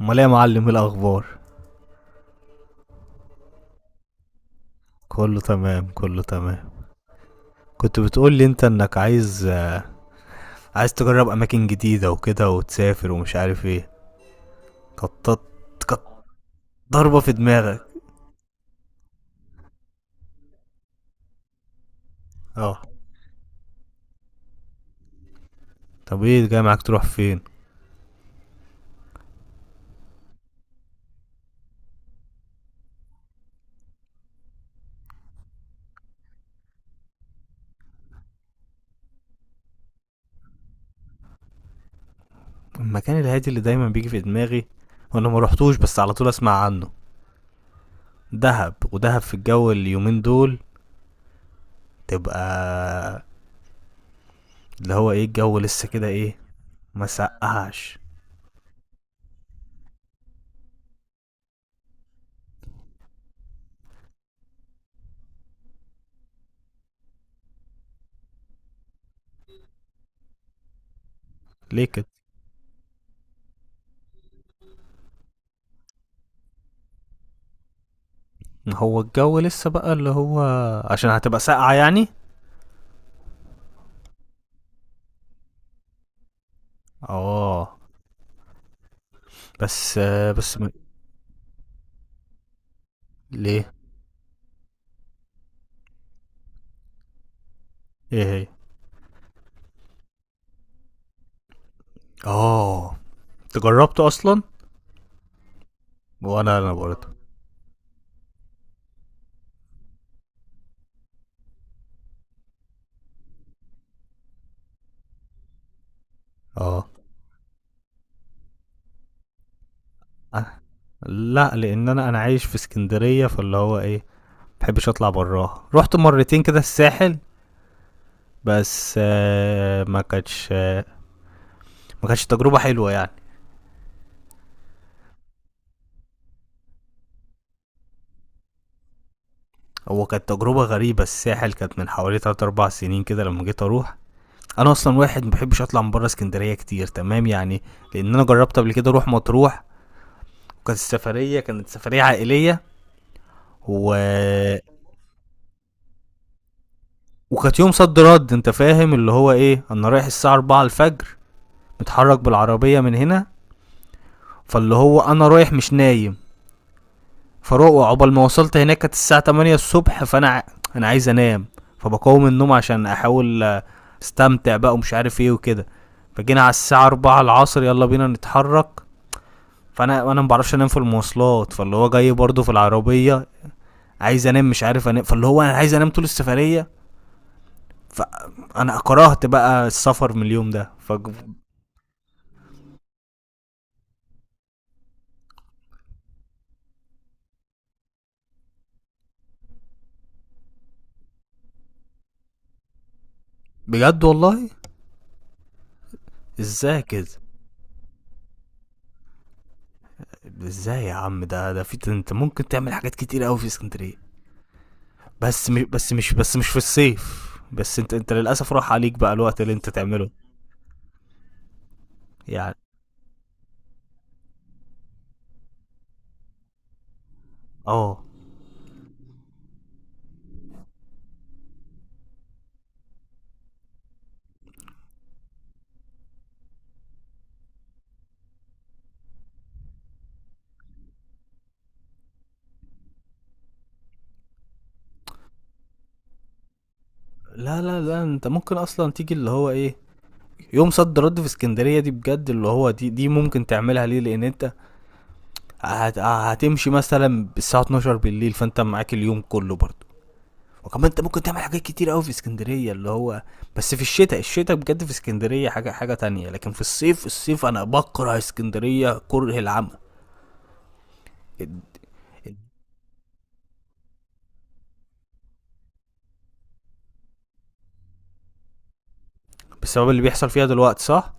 امال ايه يا معلم؟ إيه الاخبار؟ كله تمام، كله تمام. كنت بتقول لي انك عايز عايز تجرب اماكن جديده وكده وتسافر ومش عارف ايه. قطط قط ضربه في دماغك. اه، طب ايه جاي معاك؟ تروح فين؟ المكان الهادي اللي دايما بيجي في دماغي ما رحتوش بس على طول اسمع عنه، دهب. ودهب في الجو اليومين دول، تبقى اللي هو ايه الجو لسه كده ايه؟ ما سقعش؟ ليه كده؟ ما هو الجو لسه بقى اللي هو، عشان هتبقى ساقعة يعني؟ اه، بس ليه؟ ايه هي؟ اه، انت جربته اصلا؟ وانا برضه، اه، أه. لا، لان انا عايش في اسكندريه، فاللي هو ايه، محبش اطلع براها. رحت مرتين كده الساحل، بس آه ما كانتش ما كانتش تجربه حلوه يعني. هو كانت تجربه غريبه. الساحل كانت من حوالي 3 4 سنين كده لما جيت اروح. انا اصلا واحد ما بحبش اطلع من بره اسكندريه كتير، تمام يعني. لان انا جربت قبل كده اروح مطروح، كانت سفريه عائليه، و وكانت يوم صد رد. انت فاهم اللي هو ايه، انا رايح الساعه 4 الفجر، متحرك بالعربيه من هنا، فاللي هو انا رايح مش نايم، فروق، عقبال ما وصلت هناك كانت الساعه 8 الصبح، فانا انا عايز انام، فبقاوم النوم عشان احاول استمتع بقى ومش عارف ايه وكده. فجينا على الساعه 4 العصر، يلا بينا نتحرك، فانا ما بعرفش انام في المواصلات، فاللي هو جاي برضه في العربيه، عايز انام مش عارف انام، فاللي هو انا عايز انام طول السفريه، فانا كرهت بقى السفر من اليوم ده. ف بجد والله؟ ازاي كده؟ ازاي يا عم؟ ده في انت ممكن تعمل حاجات كتير قوي في اسكندريه، بس مش في الصيف بس. انت للاسف راح عليك بقى الوقت اللي انت تعمله يعني. اه، لا، انت ممكن اصلا تيجي اللي هو ايه، يوم صد رد في اسكندريه دي بجد اللي هو دي ممكن تعملها، ليه؟ لان انت هتمشي مثلا الساعه 12 بالليل فانت معاك اليوم كله برضه، وكمان انت ممكن تعمل حاجات كتير قوي في اسكندريه، اللي هو، بس في الشتاء. الشتاء بجد في اسكندريه حاجه حاجه تانية. لكن في الصيف، الصيف، انا بكره اسكندريه كره العمى. ال- ال- بسبب اللي بيحصل فيها دلوقتي صح؟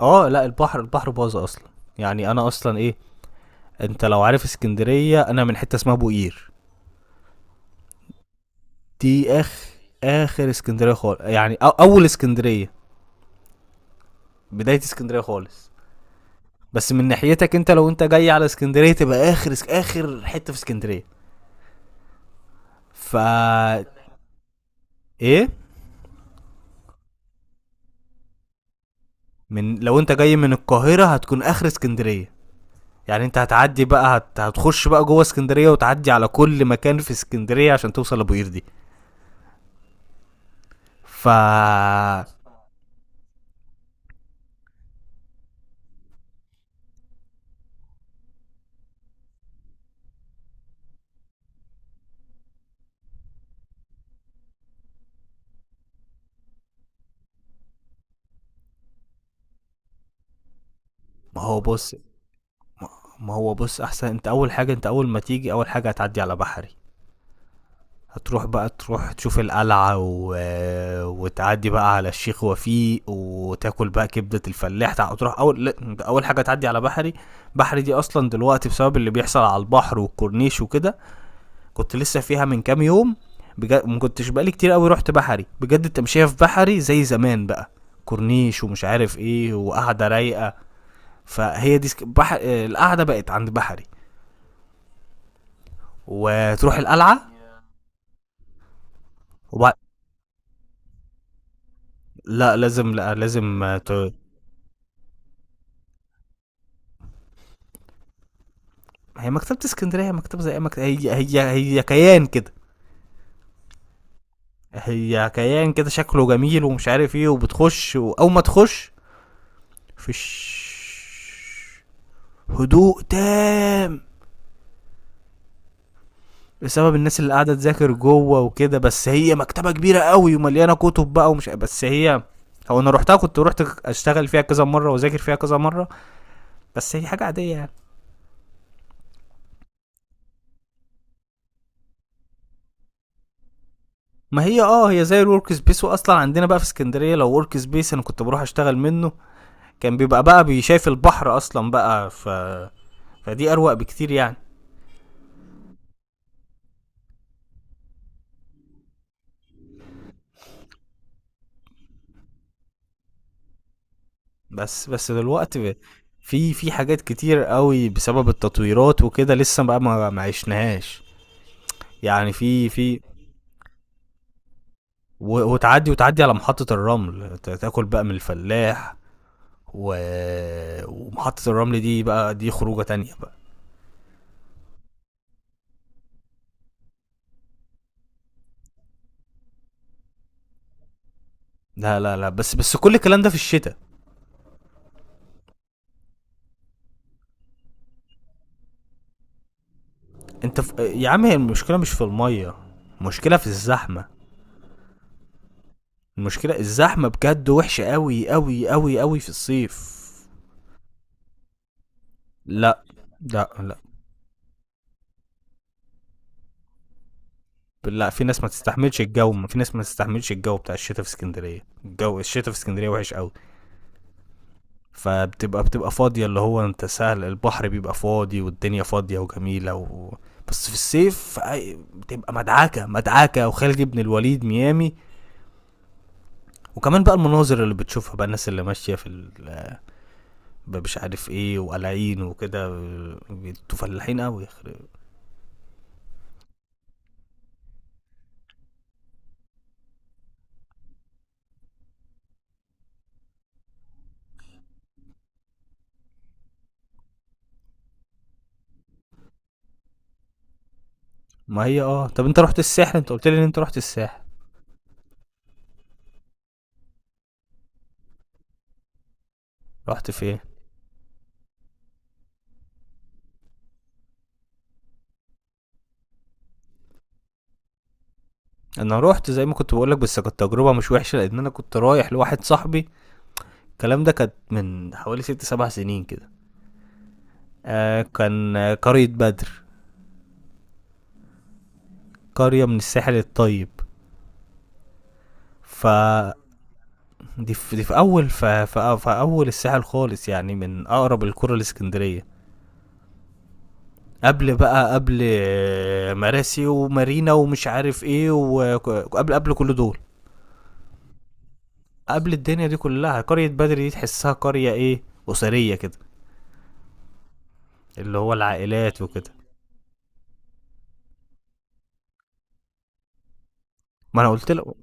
اه، لا، البحر، البحر باظ اصلا، يعني انا اصلا ايه، انت لو عارف اسكندريه، انا من حته اسمها بوقير، دي اخ، اخر اسكندريه خالص يعني، أو اول اسكندريه، بدايه اسكندريه خالص. بس من ناحيتك انت، لو انت جاي على اسكندريه تبقى اخر اخر حته في اسكندريه. ف ايه، من، لو انت جاي من القاهره هتكون اخر اسكندريه، يعني انت هتعدي بقى هتخش بقى جوه اسكندريه وتعدي على كل مكان في اسكندريه عشان توصل لابو قردي. ف ما هو بص ما هو بص، احسن، انت اول حاجه، انت اول ما تيجي اول حاجه هتعدي على بحري، هتروح بقى، تروح تشوف القلعة و... وتعدي بقى على الشيخ وفيق، وتاكل بقى كبدة الفلاح، تع- تروح أول لا، أول حاجة تعدي على بحري. بحري دي أصلا دلوقتي بسبب اللي بيحصل على البحر والكورنيش وكده، كنت لسه فيها من كام يوم، بجد ما كنتش بقالي كتير قوي رحت بحري، بجد التمشيه في بحري زي زمان بقى، كورنيش ومش عارف ايه وقعده رايقه، فهي دي سك... بحر... آه، القعده بقت عند بحري، وتروح القلعه، وبعد لا لازم لا لازم ت... هي مكتبه اسكندريه، مكتبه زي أي مكتبه، هي كيان كده، كيان كده شكله جميل ومش عارف ايه، وبتخش واول ما تخش فيش هدوء تام، بسبب الناس اللي قاعده تذاكر جوه وكده، بس هي مكتبه كبيره قوي ومليانه كتب بقى، ومش بس هي، هو انا روحتها، كنت روحت اشتغل فيها كذا مره واذاكر فيها كذا مره، بس هي حاجه عاديه يعني. ما هي اه، هي زي الورك سبيس، واصلا عندنا بقى في اسكندريه لو ورك سبيس، انا كنت بروح اشتغل منه، كان بيبقى بقى بيشايف البحر اصلا بقى، ف فدي اروق بكتير يعني. بس بس دلوقتي في حاجات كتير قوي بسبب التطويرات وكده لسه بقى ما عشناهاش، يعني في في، وتعدي، على محطة الرمل، تاكل بقى من الفلاح و... ومحطة الرمل دي بقى دي خروجة تانية بقى. لا، بس بس كل الكلام ده في الشتاء. انت في... يا عم هي المشكلة مش في المية، المشكلة في الزحمة، المشكلة الزحمة بجد وحشة قوي قوي قوي قوي في الصيف. لا لا لا لا، في ناس ما تستحملش الجو، في ناس ما تستحملش الجو بتاع الشتاء في اسكندرية، الجو الشتاء في اسكندرية وحش قوي. بتبقى فاضية، اللي هو انت سهل البحر بيبقى فاضي والدنيا فاضية وجميلة و... بس في الصيف، بتبقى مدعكة، وخالد بن الوليد ميامي، وكمان بقى المناظر اللي بتشوفها بقى، الناس اللي ماشية في مش عارف ايه، وقلعين وكده، انتوا فلاحين قوي، يخرب. ما هي اه، طب انت رحت الساحل، انت قلت لي ان انت رحت الساحل، رحت فين؟ انا رحت زي ما كنت بقولك، بس كانت تجربة مش وحشة لان انا كنت رايح لواحد صاحبي، الكلام ده كانت من حوالي ست سبع سنين كده، آه كان قرية بدر، قرية من الساحل الطيب. ف دي في, دي في اول في اول الساحل خالص يعني، من اقرب القرى الاسكندريه، قبل بقى، قبل مراسي ومارينا ومش عارف ايه، قبل كل دول، قبل الدنيا دي كلها، قريه بدر دي تحسها قريه ايه، اسريه كده، اللي هو العائلات وكده. ما انا قلت له،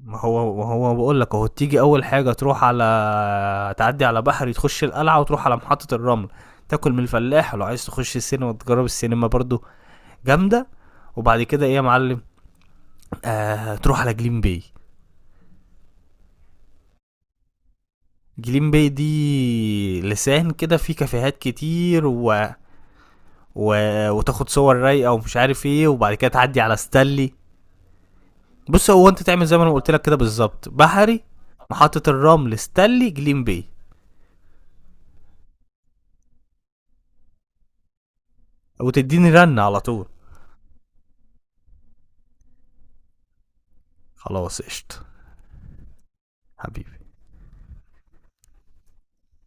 ما هو بقول لك اهو، تيجي اول حاجه تروح على، تعدي على بحري، تخش القلعه، وتروح على محطه الرمل، تاكل من الفلاح، ولو عايز تخش السينما، تجرب السينما برضو، جامده. وبعد كده ايه يا معلم؟ آه تروح على جليم باي، جليم باي دي لسان كده فيه كافيهات كتير و... و... وتاخد صور رايقه ومش عارف ايه، وبعد كده تعدي على ستانلي. بص هو انت تعمل زي ما انا قلت لك كده بالظبط، بحري، محطه الرمل، ستانلي، جليم باي. وتديني رنة على طول. خلاص قشطة، حبيبي.